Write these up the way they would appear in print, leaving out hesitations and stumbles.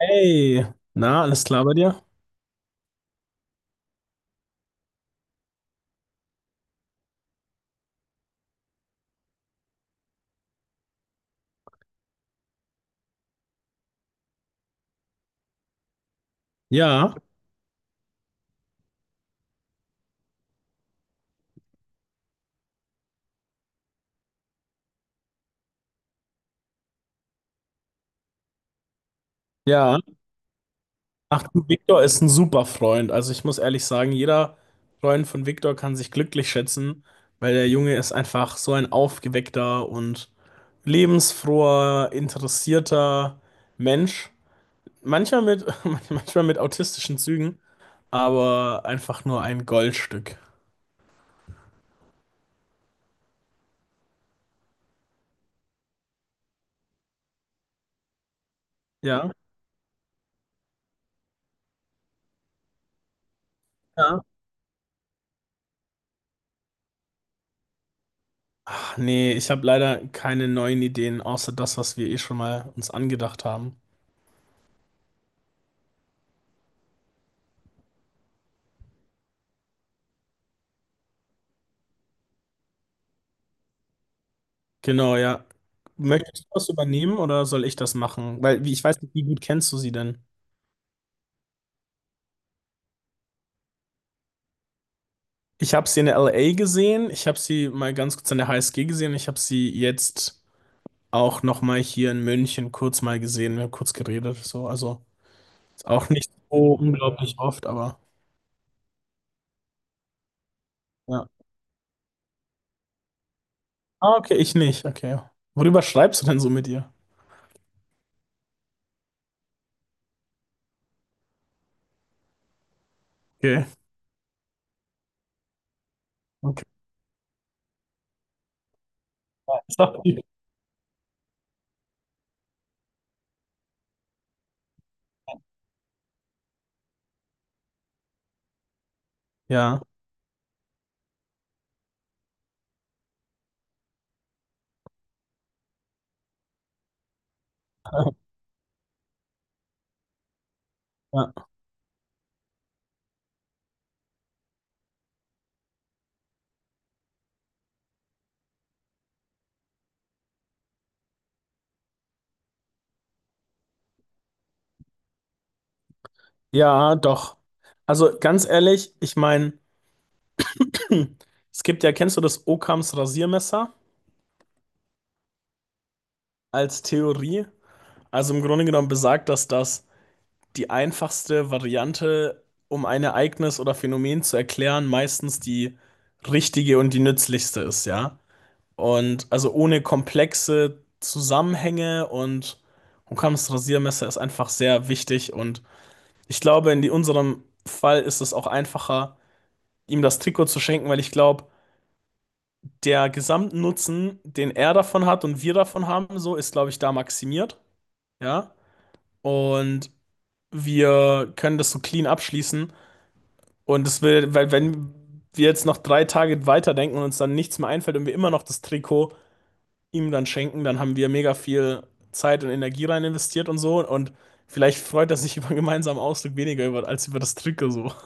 Hey, na, alles klar bei dir? Ja, ja. Ach du, Viktor ist ein super Freund. Also ich muss ehrlich sagen, jeder Freund von Viktor kann sich glücklich schätzen, weil der Junge ist einfach so ein aufgeweckter und lebensfroher, interessierter Mensch. Manchmal mit, manchmal mit autistischen Zügen, aber einfach nur ein Goldstück. Ja. Ja. Ach nee, ich habe leider keine neuen Ideen, außer das, was wir eh schon mal uns angedacht haben. Genau, ja. Möchtest du das übernehmen oder soll ich das machen? Weil ich weiß nicht, wie gut kennst du sie denn? Ich habe sie in der LA gesehen, ich habe sie mal ganz kurz an der HSG gesehen, ich habe sie jetzt auch noch mal hier in München kurz mal gesehen, wir haben kurz geredet, so, also ist auch nicht so unglaublich oft, aber ja. Ah, okay, ich nicht, okay. Worüber schreibst du denn so mit ihr? Okay, okay. Ja, ist ja. Ja, ja, doch. Also ganz ehrlich, ich meine, hm. Es gibt ja, kennst du das Occams Rasiermesser als Theorie? Also im Grunde genommen besagt das, dass die einfachste Variante, um ein Ereignis oder Phänomen zu erklären, meistens die richtige und die nützlichste ist, ja? Und also ohne komplexe Zusammenhänge und Occams Rasiermesser ist einfach sehr wichtig und ich glaube, in unserem Fall ist es auch einfacher, ihm das Trikot zu schenken, weil ich glaube, der Gesamtnutzen, den er davon hat und wir davon haben, so ist, glaube ich, da maximiert. Ja. Und wir können das so clean abschließen. Und es will, weil wenn wir jetzt noch drei Tage weiterdenken und uns dann nichts mehr einfällt und wir immer noch das Trikot ihm dann schenken, dann haben wir mega viel Zeit und Energie rein investiert und so. Und vielleicht freut er sich über einen gemeinsamen Ausflug weniger über, als über das Trikot so.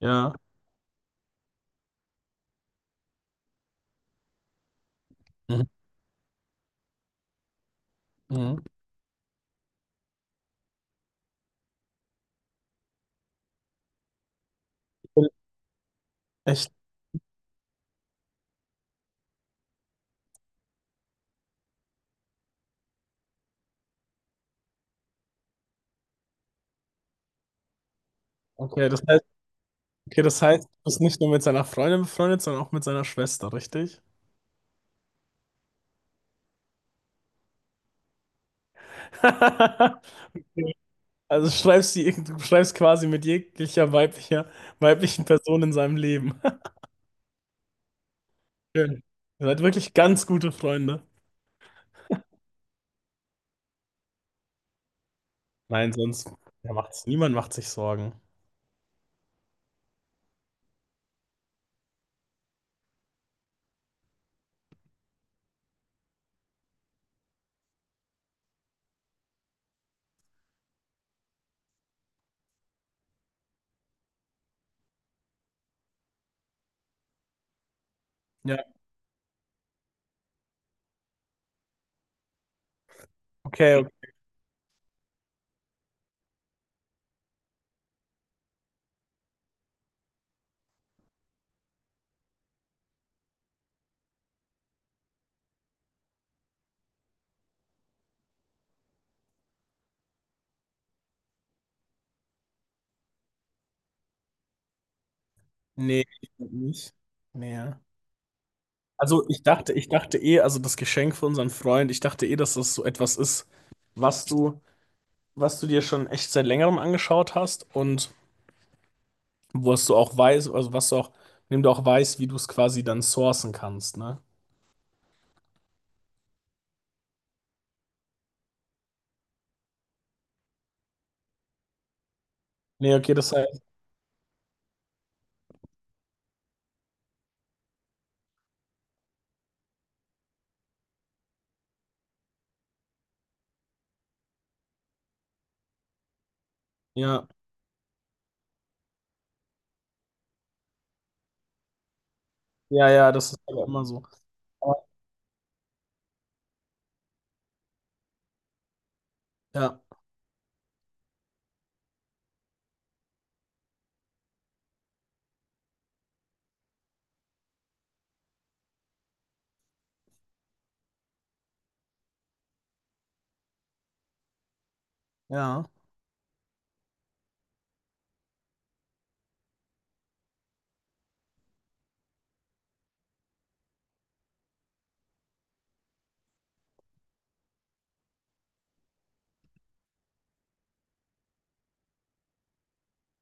Ja. Mhm. Mhm. Echt. Okay, das heißt. Okay, das heißt, du bist nicht nur mit seiner Freundin befreundet, sondern auch mit seiner Schwester, richtig? Also schreibst du schreibst quasi mit jeglicher weiblicher, weiblichen Person in seinem Leben. Schön. Ihr seid wirklich ganz gute Freunde. Nein, sonst ja, macht's, niemand macht sich Sorgen. Ja, okay. Okay. Nee, ich glaub nicht. Nee. Also ich dachte eh, also das Geschenk für unseren Freund, ich dachte eh, dass das so etwas ist, was du, was du dir schon echt seit längerem angeschaut hast und wo was du auch weißt, also was du auch, indem du auch weißt, wie du es quasi dann sourcen kannst, ne? Nee, okay, das heißt, ja, ja, ja, das ist aber immer so. Aber- ja, ja,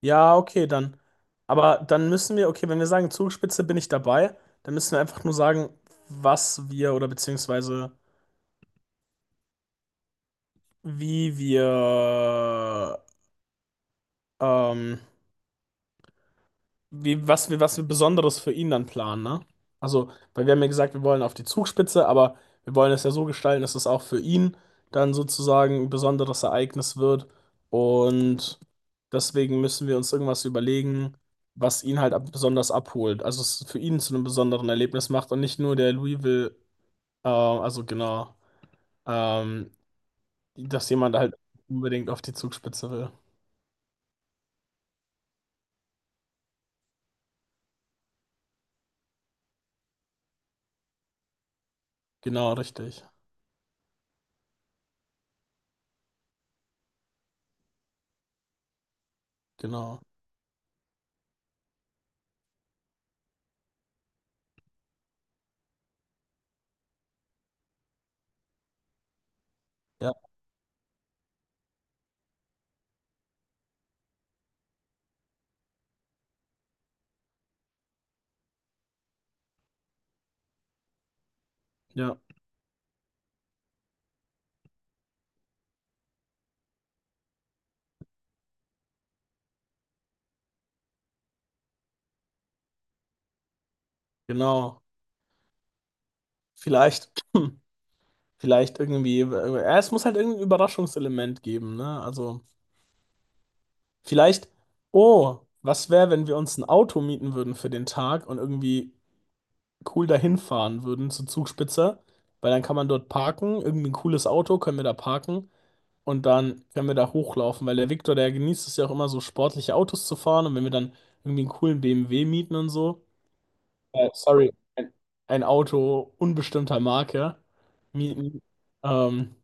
ja, okay, dann. Aber dann müssen wir, okay, wenn wir sagen Zugspitze bin ich dabei, dann müssen wir einfach nur sagen, was wir oder beziehungsweise wie wir ähm, wie, was wir Besonderes für ihn dann planen, ne? Also, weil wir haben ja gesagt, wir wollen auf die Zugspitze, aber wir wollen es ja so gestalten, dass es auch für ihn dann sozusagen ein besonderes Ereignis wird. Und deswegen müssen wir uns irgendwas überlegen, was ihn halt ab besonders abholt. Also es für ihn zu einem besonderen Erlebnis macht und nicht nur der Louisville, also genau, ähm, dass jemand halt unbedingt auf die Zugspitze will. Genau, richtig. Genau. Ja, ja, genau. Vielleicht. Vielleicht irgendwie, ja, es muss halt irgendein Überraschungselement geben, ne? Also, vielleicht, oh, was wäre, wenn wir uns ein Auto mieten würden für den Tag und irgendwie cool dahin fahren würden zur Zugspitze? Weil dann kann man dort parken, irgendwie ein cooles Auto können wir da parken und dann können wir da hochlaufen, weil der Viktor, der genießt es ja auch immer so sportliche Autos zu fahren und wenn wir dann irgendwie einen coolen BMW mieten und so, sorry, ein Auto unbestimmter Marke mieten, ähm,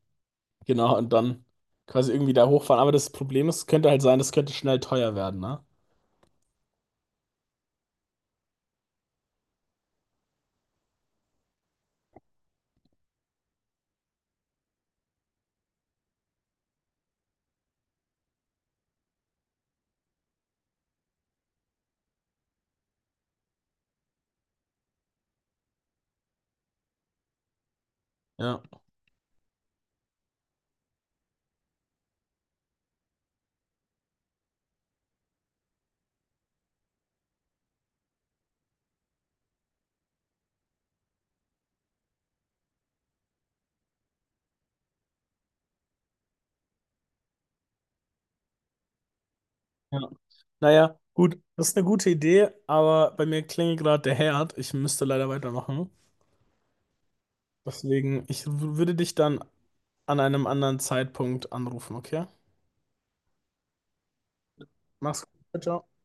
genau, und dann quasi irgendwie da hochfahren. Aber das Problem ist, könnte halt sein, das könnte schnell teuer werden, ne? Ja. Ja. Naja, gut, das ist eine gute Idee, aber bei mir klingelt gerade der Herd. Ich müsste leider weitermachen. Deswegen, ich würde dich dann an einem anderen Zeitpunkt anrufen, okay? Mach's gut. Ciao, ciao.